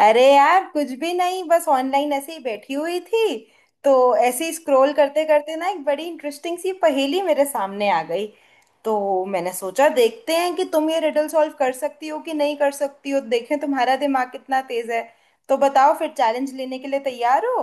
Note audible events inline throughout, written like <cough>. अरे यार कुछ भी नहीं, बस ऑनलाइन ऐसे ही बैठी हुई थी। तो ऐसे ही स्क्रॉल करते करते ना एक बड़ी इंटरेस्टिंग सी पहेली मेरे सामने आ गई। तो मैंने सोचा देखते हैं कि तुम ये रिडल सॉल्व कर सकती हो कि नहीं कर सकती हो, देखें तुम्हारा दिमाग कितना तेज है। तो बताओ फिर, चैलेंज लेने के लिए तैयार हो?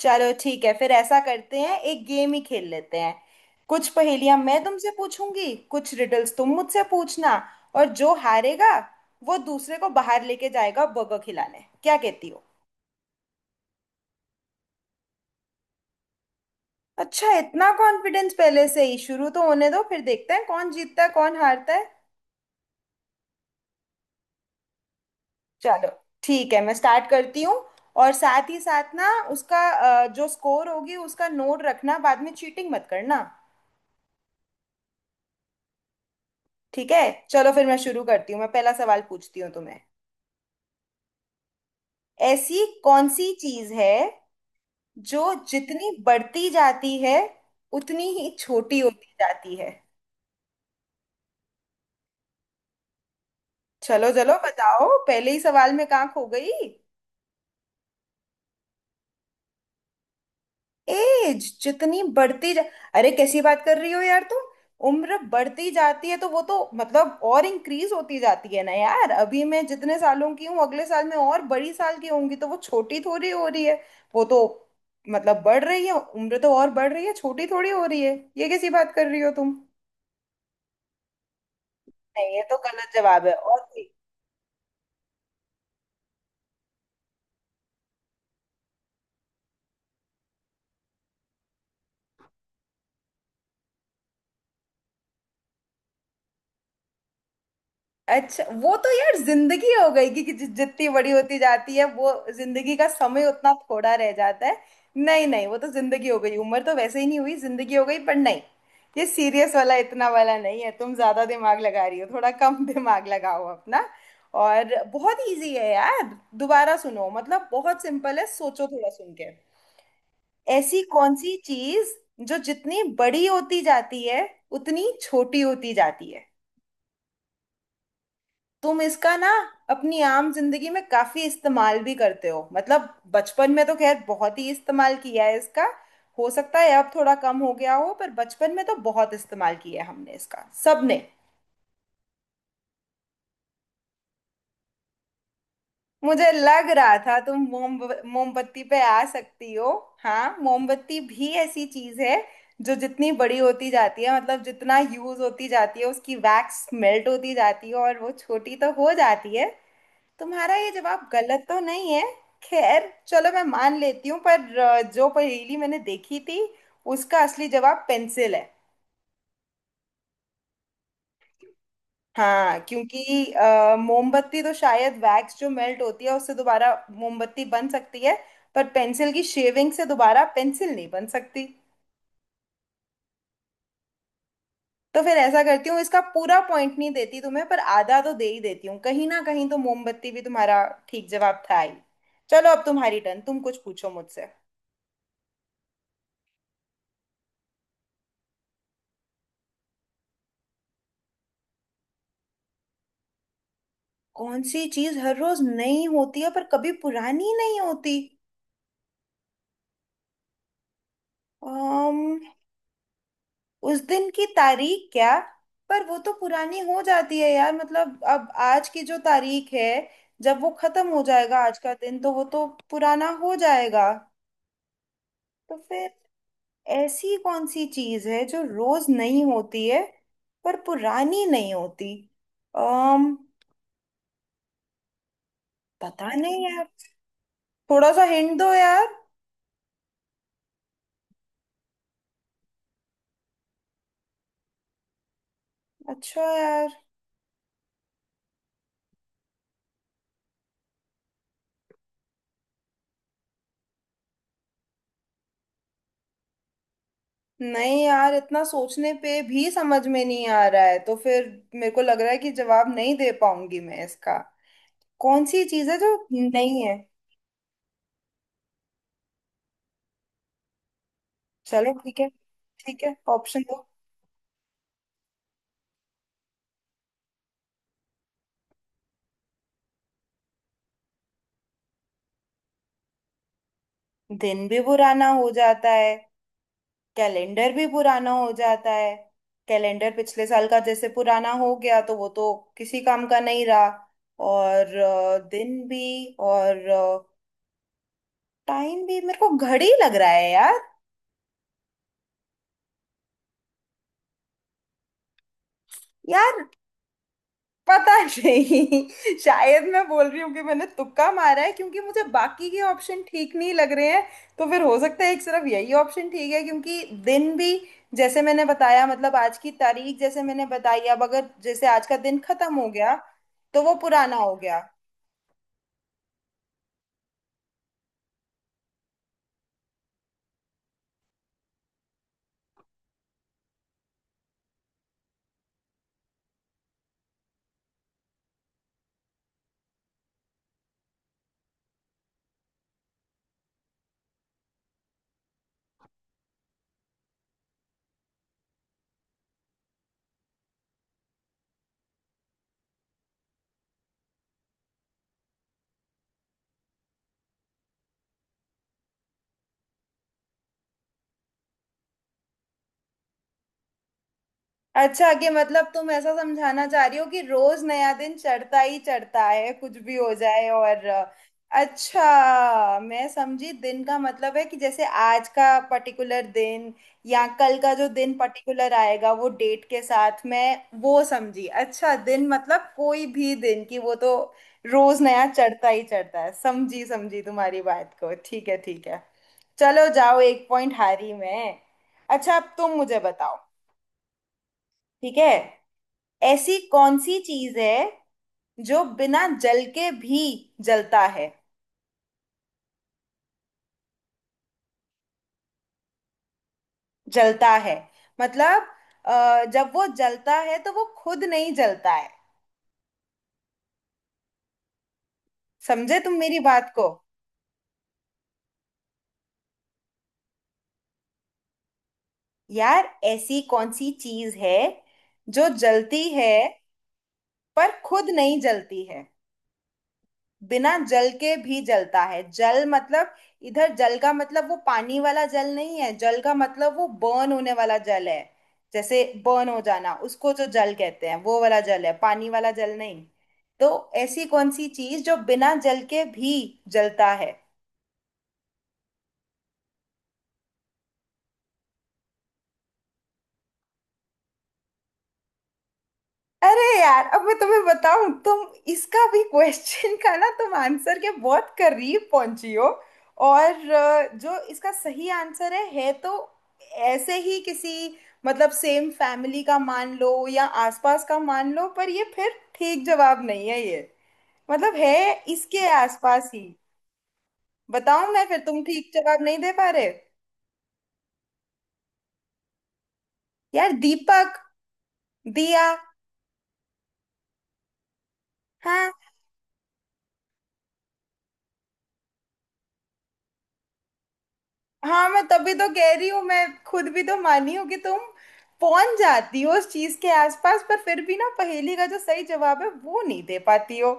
चलो ठीक है, फिर ऐसा करते हैं, एक गेम ही खेल लेते हैं। कुछ पहेलियां मैं तुमसे पूछूंगी, कुछ रिडल्स तुम मुझसे पूछना। और जो हारेगा वो दूसरे को बाहर लेके जाएगा बर्गर खिलाने, क्या कहती हो? अच्छा, इतना कॉन्फिडेंस पहले से ही? शुरू तो होने दो, फिर देखते हैं कौन जीतता है कौन हारता है। चलो ठीक है, मैं स्टार्ट करती हूँ। और साथ ही साथ ना उसका जो स्कोर होगी उसका नोट रखना, बाद में चीटिंग मत करना। ठीक है, चलो फिर मैं शुरू करती हूँ। मैं पहला सवाल पूछती हूँ तुम्हें। ऐसी कौन सी चीज है जो जितनी बढ़ती जाती है उतनी ही छोटी होती जाती है? चलो चलो बताओ, पहले ही सवाल में कहाँ खो गई? एज जितनी बढ़ती जा, अरे कैसी बात कर रही हो यार तुम। उम्र बढ़ती जाती है तो वो तो मतलब और इंक्रीज होती जाती है ना यार। अभी मैं जितने सालों की हूँ, अगले साल में और बड़ी साल की होंगी, तो वो छोटी थोड़ी हो रही है। वो तो मतलब बढ़ रही है, उम्र तो और बढ़ रही है, छोटी थोड़ी हो रही है? ये कैसी बात कर रही हो तुम। नहीं, ये तो गलत जवाब है, और कोई? अच्छा, वो तो यार जिंदगी हो गई कि, जितनी बड़ी होती जाती है वो जिंदगी का समय उतना थोड़ा रह जाता है। नहीं नहीं, वो तो जिंदगी हो गई, उम्र तो वैसे ही नहीं हुई, जिंदगी हो गई, पर नहीं। ये सीरियस वाला इतना वाला नहीं है, तुम ज्यादा दिमाग लगा रही हो, थोड़ा कम <laughs> दिमाग लगाओ अपना। और बहुत इजी है यार। दोबारा सुनो, मतलब बहुत सिंपल है, सोचो थोड़ा सुन के। ऐसी कौन सी चीज जो जितनी बड़ी होती जाती है उतनी छोटी होती जाती है? तुम इसका ना अपनी आम जिंदगी में काफी इस्तेमाल भी करते हो। मतलब बचपन में तो खैर बहुत ही इस्तेमाल किया है इसका। हो सकता है अब थोड़ा कम हो गया हो, पर बचपन में तो बहुत इस्तेमाल किया है हमने इसका, सबने। मुझे लग रहा था तुम मोमबत्ती पे आ सकती हो। हाँ, मोमबत्ती भी ऐसी चीज है जो जितनी बड़ी होती जाती है, मतलब जितना यूज होती जाती है, उसकी वैक्स मेल्ट होती जाती है और वो छोटी तो हो जाती है। तुम्हारा ये जवाब गलत तो नहीं है, खैर चलो मैं मान लेती हूँ। पर जो पहेली मैंने देखी थी उसका असली जवाब पेंसिल है। हाँ क्योंकि मोमबत्ती तो शायद वैक्स जो मेल्ट होती है उससे दोबारा मोमबत्ती बन सकती है, पर पेंसिल की शेविंग से दोबारा पेंसिल नहीं बन सकती। तो फिर ऐसा करती हूँ, इसका पूरा पॉइंट नहीं देती तुम्हें, पर आधा तो दे ही देती हूँ, कहीं ना कहीं तो मोमबत्ती भी तुम्हारा ठीक जवाब था ही। चलो अब तुम्हारी टर्न, तुम कुछ पूछो मुझसे। कौन सी चीज हर रोज नई होती है पर कभी पुरानी नहीं होती? um, उस दिन की तारीख? क्या, पर वो तो पुरानी हो जाती है यार। मतलब अब आज की जो तारीख है, जब वो खत्म हो जाएगा आज का दिन, तो वो तो पुराना हो जाएगा। तो फिर ऐसी कौन सी चीज है जो रोज नई होती है पर पुरानी नहीं होती? um, पता नहीं यार। थोड़ा सा हिंट दो यार। अच्छा यार, नहीं यार इतना सोचने पे भी समझ में नहीं आ रहा है, तो फिर मेरे को लग रहा है कि जवाब नहीं दे पाऊंगी मैं इसका। कौन सी चीज है जो नहीं है? चलो ठीक है, ठीक है ऑप्शन दो। दिन भी पुराना हो जाता है, कैलेंडर भी पुराना हो जाता है। कैलेंडर पिछले साल का जैसे पुराना हो गया, तो वो तो किसी काम का नहीं रहा। और दिन भी और टाइम भी। मेरे को घड़ी लग रहा है यार। यार पता नहीं <laughs> शायद मैं बोल रही हूँ कि मैंने तुक्का मारा है, क्योंकि मुझे बाकी के ऑप्शन ठीक नहीं लग रहे हैं। तो फिर हो सकता है एक सिर्फ यही ऑप्शन ठीक है। क्योंकि दिन भी, जैसे मैंने बताया, मतलब आज की तारीख जैसे मैंने बताई, अब अगर जैसे आज का दिन खत्म हो गया तो वो पुराना हो गया। अच्छा कि, मतलब तुम ऐसा समझाना चाह रही हो कि रोज नया दिन चढ़ता ही चढ़ता है, कुछ भी हो जाए। और अच्छा मैं समझी, दिन का मतलब है कि जैसे आज का पर्टिकुलर दिन या कल का जो दिन पर्टिकुलर आएगा वो डेट के साथ, मैं वो समझी। अच्छा दिन मतलब कोई भी दिन की, वो तो रोज नया चढ़ता ही चढ़ता है। समझी समझी, तुम्हारी बात को, ठीक है ठीक है। चलो जाओ, एक पॉइंट हारी मैं। अच्छा अब तुम मुझे बताओ, ठीक है? ऐसी कौन सी चीज है जो बिना जल के भी जलता है? जलता है मतलब जब वो जलता है तो वो खुद नहीं जलता है, समझे तुम मेरी बात को? यार ऐसी कौन सी चीज है जो जलती है पर खुद नहीं जलती है, बिना जल के भी जलता है। जल मतलब, इधर जल का मतलब वो पानी वाला जल नहीं है, जल का मतलब वो बर्न होने वाला जल है। जैसे बर्न हो जाना उसको जो जल कहते हैं, वो वाला जल है, पानी वाला जल नहीं। तो ऐसी कौन सी चीज जो बिना जल के भी जलता है? अरे यार अब मैं तुम्हें बताऊं, तुम इसका भी क्वेश्चन का ना तुम आंसर के बहुत करीब पहुंची हो। और जो इसका सही आंसर है तो ऐसे ही किसी, मतलब सेम फैमिली का मान लो या आसपास का मान लो, पर ये फिर ठीक जवाब नहीं है ये, मतलब है इसके आसपास ही। बताऊं मैं फिर, तुम ठीक जवाब नहीं दे पा रहे। यार दीपक, दिया। हाँ, हाँ मैं तभी तो कह रही हूँ। मैं खुद भी तो मानी हूँ कि तुम पहुंच जाती हो उस चीज के आसपास, पर फिर भी ना पहेली का जो सही जवाब है वो नहीं दे पाती हो।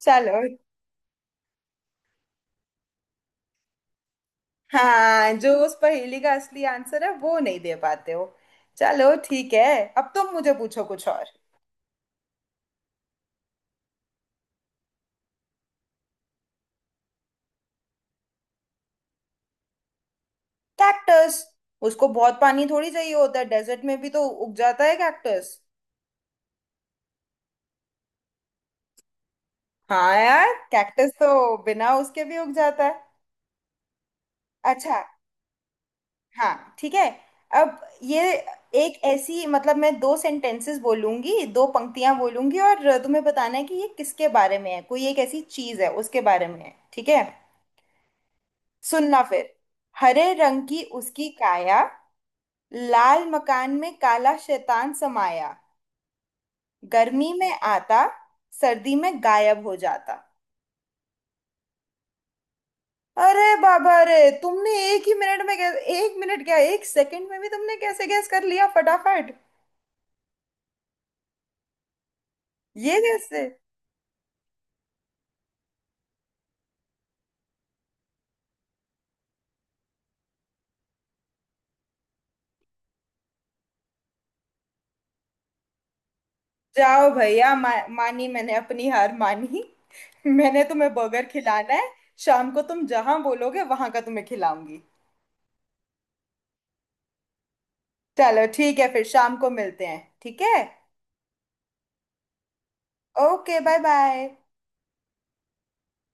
चलो, हाँ जो उस पहेली का असली आंसर है वो नहीं दे पाते हो। चलो ठीक है, अब तुम मुझे पूछो कुछ और। कैक्टस, उसको बहुत पानी थोड़ी चाहिए होता है, डेजर्ट में भी तो उग जाता है कैक्टस। हाँ यार, कैक्टस तो बिना उसके भी उग जाता है। अच्छा, हाँ ठीक है। अब ये एक ऐसी, मतलब मैं दो सेंटेंसेस बोलूंगी, दो पंक्तियां बोलूंगी और तुम्हें बताना है कि ये किसके बारे में है, कोई एक ऐसी चीज है उसके बारे में है, ठीक है? सुनना फिर। हरे रंग की उसकी काया, लाल मकान में काला शैतान समाया, गर्मी में आता, सर्दी में गायब हो जाता। अरे बाबा रे, तुमने एक ही मिनट में कैसे, एक मिनट क्या एक सेकंड में भी तुमने कैसे गैस कर लिया फटाफट? ये कैसे? जाओ भैया, मानी, मैंने अपनी हार मानी। <laughs> मैंने तुम्हें बर्गर खिलाना है, शाम को तुम जहां बोलोगे वहां का तुम्हें खिलाऊंगी। चलो ठीक है, फिर शाम को मिलते हैं ठीक है। Okay bye bye.